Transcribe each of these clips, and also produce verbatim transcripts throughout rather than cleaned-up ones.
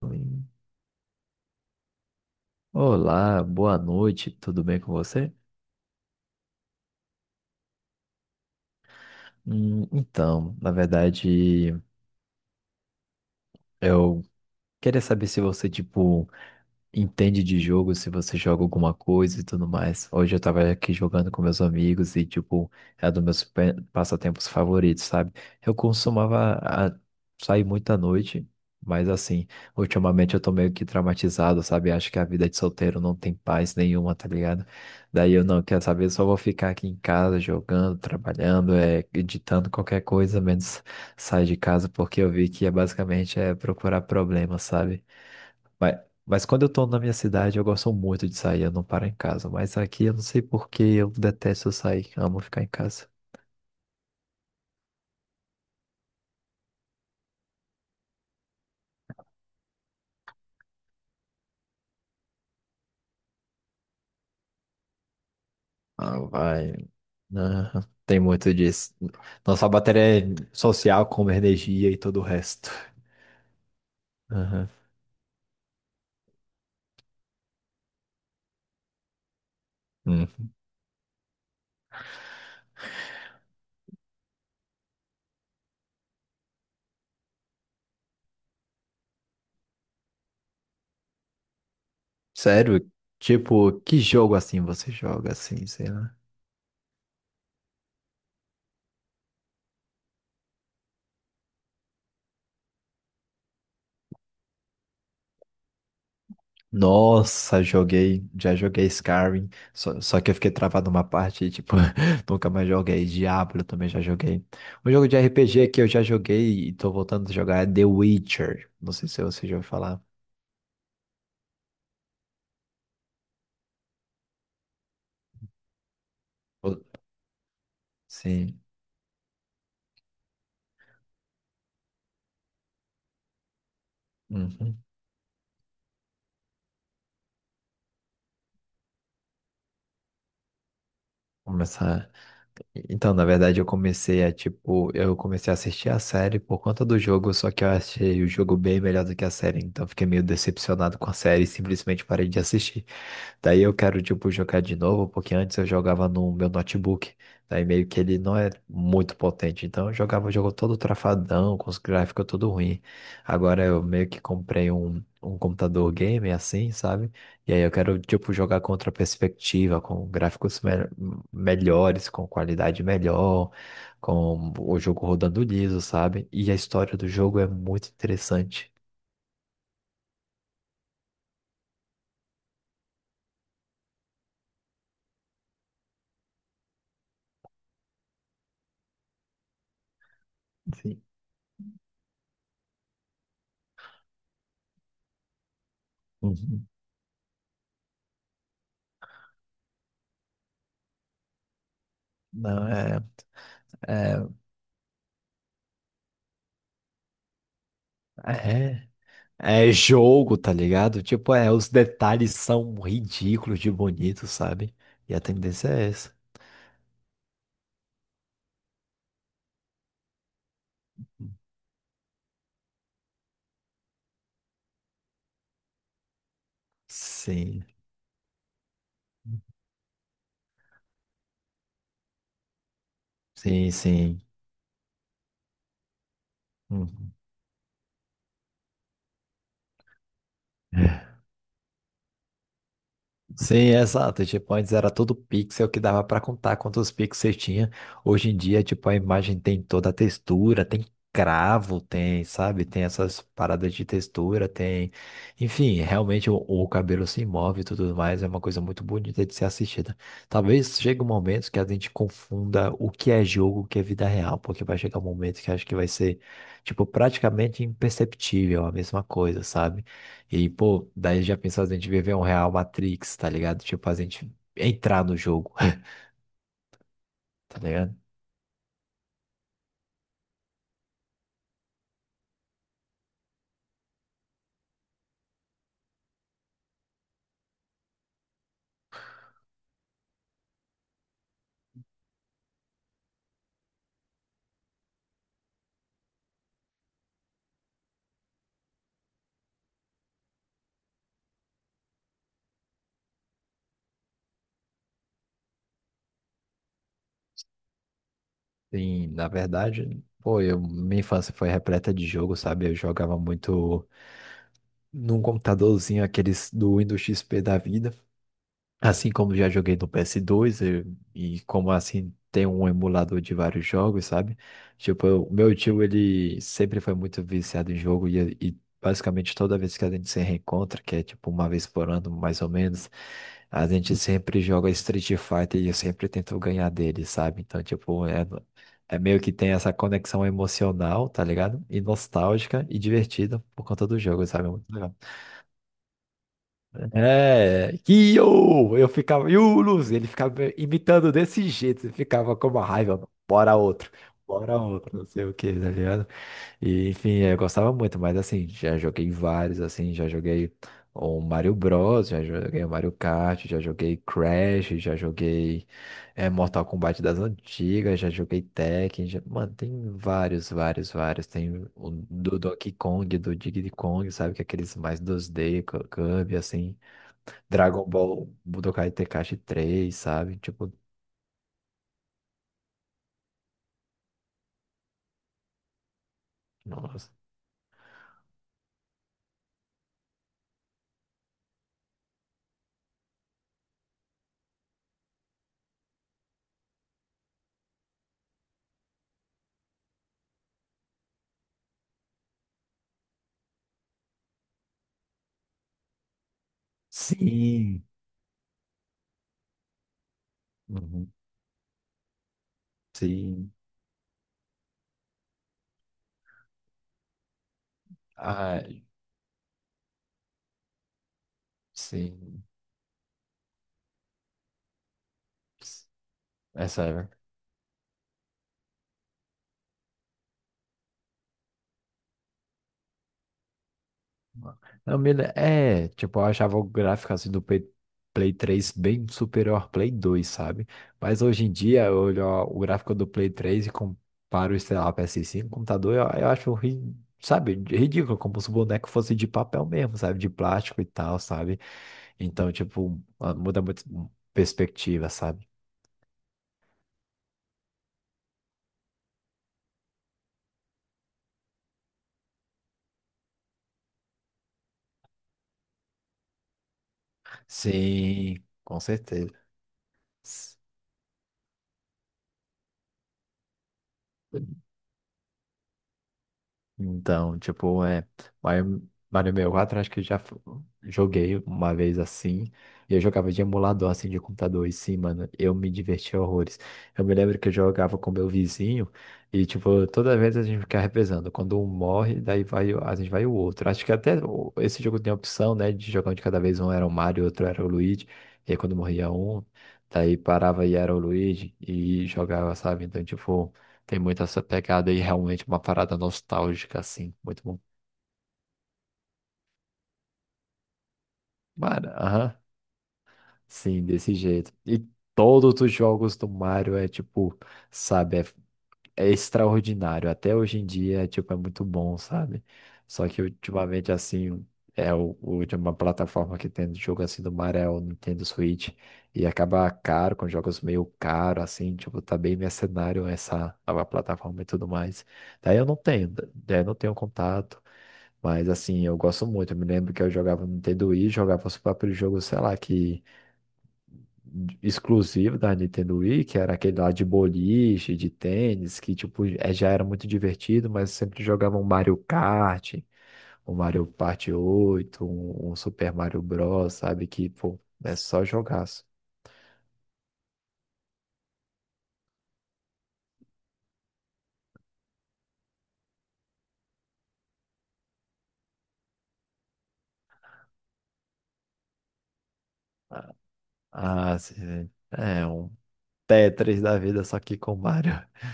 Oi. Olá, boa noite, tudo bem com você? Hum, então, na verdade, eu queria saber se você, tipo, entende de jogo, se você joga alguma coisa e tudo mais. Hoje eu tava aqui jogando com meus amigos e, tipo, é dos meus pe- passatempos favoritos, sabe? Eu costumava ah, sair muito à noite, mas assim, ultimamente eu tô meio que traumatizado, sabe? Acho que a vida de solteiro não tem paz nenhuma, tá ligado? Daí eu não quero saber, só vou ficar aqui em casa jogando, trabalhando, é, editando qualquer coisa, menos sair de casa, porque eu vi que é basicamente é procurar problemas, sabe? Mas, mas quando eu tô na minha cidade, eu gosto muito de sair, eu não paro em casa. Mas aqui eu não sei por que eu detesto sair, amo ficar em casa. Ah, vai. Aham, tem muito disso. Nossa bateria é social, como energia e todo o resto. Aham. Hum. Sério? Tipo, que jogo assim você joga assim, sei lá? Nossa, joguei, já joguei Skyrim, só, só que eu fiquei travado numa parte, e, tipo, nunca mais joguei. Diablo também já joguei. Um jogo de R P G que eu já joguei e tô voltando a jogar é The Witcher. Não sei se você já ouviu falar. Ou- Sim. Uhum. Começar. Então, na verdade, eu comecei a, tipo, eu comecei a assistir a série por conta do jogo, só que eu achei o jogo bem melhor do que a série, então fiquei meio decepcionado com a série e simplesmente parei de assistir. Daí eu quero, tipo, jogar de novo, porque antes eu jogava no meu notebook. Daí meio que ele não é muito potente. Então eu jogava o jogo todo trafadão, com os gráficos tudo ruim. Agora eu meio que comprei um, um computador gamer assim, sabe? E aí eu quero, tipo, jogar com outra perspectiva, com gráficos me melhores, com qualidade melhor, com o jogo rodando liso, sabe? E a história do jogo é muito interessante. Sim. Uhum. Não, é, é, é. É jogo, tá ligado? Tipo, é, os detalhes são ridículos de bonito, sabe? E a tendência é essa. Sim, sim, sim. Uhum. Sim, exato. Tipo, antes era tudo pixel que dava para contar quantos pixels tinha. Hoje em dia, tipo, a imagem tem toda a textura, tem cravo, tem, sabe? Tem essas paradas de textura, tem. Enfim, realmente o, o cabelo se move e tudo mais. É uma coisa muito bonita de ser assistida. Talvez chegue um momento que a gente confunda o que é jogo, o que é vida real, porque vai chegar um momento que acho que vai ser, tipo, praticamente imperceptível a mesma coisa, sabe? E, pô, daí já pensou a gente viver um real Matrix, tá ligado? Tipo, a gente entrar no jogo, tá ligado? Sim, na verdade, pô, eu, minha infância foi repleta de jogo, sabe? Eu jogava muito num computadorzinho, aqueles do Windows X P da vida. Assim como já joguei no P S dois eu- e como assim tem um emulador de vários jogos, sabe? Tipo, eu- o meu tio, ele sempre foi muito viciado em jogo e, e basicamente toda vez que a gente se reencontra, que é tipo uma vez por ano, mais ou menos, a gente sempre joga Street Fighter e eu sempre tento ganhar dele, sabe? Então, tipo, é, é meio que tem essa conexão emocional, tá ligado? E nostálgica e divertida por conta do jogo, sabe? É, que eu, eu ficava, e o Luz, ele ficava me imitando desse jeito, eu ficava com uma raiva, mano. Bora outro, bora outro, não sei o que, tá ligado? E, enfim, eu gostava muito, mas assim, já joguei vários, assim, já joguei o Mario Bros, já joguei o Mario Kart, já joguei Crash, já joguei é, Mortal Kombat das antigas, já joguei Tekken, já- mano, tem vários, vários, vários, tem o do Donkey Kong, do Diddy Kong, sabe, que é aqueles mais dois D, cu- Kirby, assim, Dragon Ball Budokai Tenkaichi três, sabe? Tipo, nossa. Sim. Uhum. Sim. Ah, sim. É sério. Não, me le- é, tipo, eu achava o gráfico assim do Play, Play três bem superior ao Play dois, sabe? Mas hoje em dia eu olho o gráfico do Play três e comparo, sei lá, o P S cinco, com computador, eu, eu acho, ri- sabe, ridículo, como se o boneco fosse de papel mesmo, sabe? De plástico e tal, sabe? Então, tipo, ah, muda muito perspectiva, sabe? Sim, com certeza. Então, tipo, é. Mario, Mario sessenta e quatro, acho que já f- joguei uma vez assim. E eu jogava de emulador, assim, de computador. E sim, mano, eu me divertia horrores. Eu me lembro que eu jogava com meu vizinho. E, tipo, toda vez a gente ficava revezando. Quando um morre, daí vai, o- a gente vai o outro. Acho que até o- esse jogo tem a opção, né? De jogar um de cada vez. Um era o Mario, outro era o Luigi. E aí, quando morria um, daí parava e era o Luigi. E jogava, sabe? Então, tipo. Tem muito essa pegada e realmente uma parada nostálgica, assim. Muito bom. Mano, aham. Sim, desse jeito. E todos os jogos do Mario é tipo, sabe, é, é extraordinário. Até hoje em dia, tipo, é muito bom, sabe? Só que ultimamente, assim, é o, o de uma plataforma que tem jogo assim do Mario é o Nintendo Switch. E acaba caro, com jogos meio caro, assim, tipo, tá bem mercenário essa nova plataforma e tudo mais. Daí eu não tenho, daí eu não tenho contato. Mas assim, eu gosto muito. Eu me lembro que eu jogava no Nintendo Wii, jogava os próprios jogos, sei lá, que exclusivo da Nintendo Wii, que era aquele lá de boliche, de tênis, que tipo, é, já era muito divertido, mas eu sempre jogava um Mario Kart, um Mario Party oito, um, um Super Mario Bros, sabe? Que, pô, é só jogaço. Ah, sim. É um Tetris da vida, só que com Mario.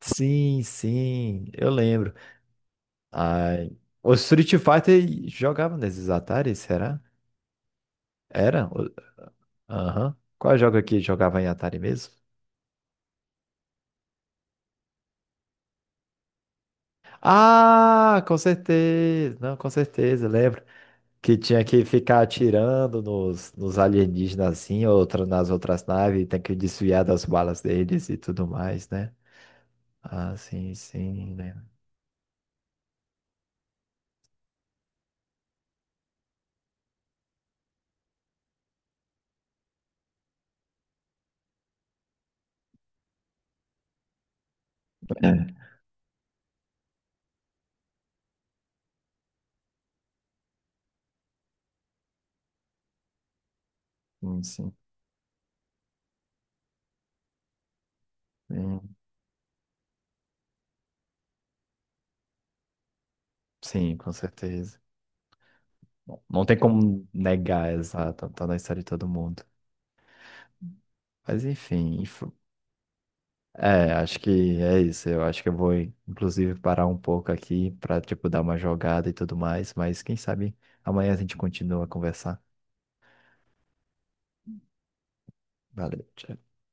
Sim, sim, eu lembro. Ai. O Street Fighter jogava nesses Atari, será? Era? O- Aham. Qual jogo que jogava em Atari mesmo? Ah, com certeza. Não, com certeza, lembro. Que tinha que ficar atirando nos, nos alienígenas assim, outra nas outras naves, e tem que desviar das balas deles e tudo mais, né? Ah, sim, sim, lembro. É, sim, sim. Sim, sim, com certeza. Bom, não tem como negar, exato, tá na história de todo mundo. Mas enfim, é, acho que é isso. Eu acho que eu vou, inclusive, parar um pouco aqui para, tipo, dar uma jogada e tudo mais. Mas quem sabe amanhã a gente continua a conversar. Valeu, tchau.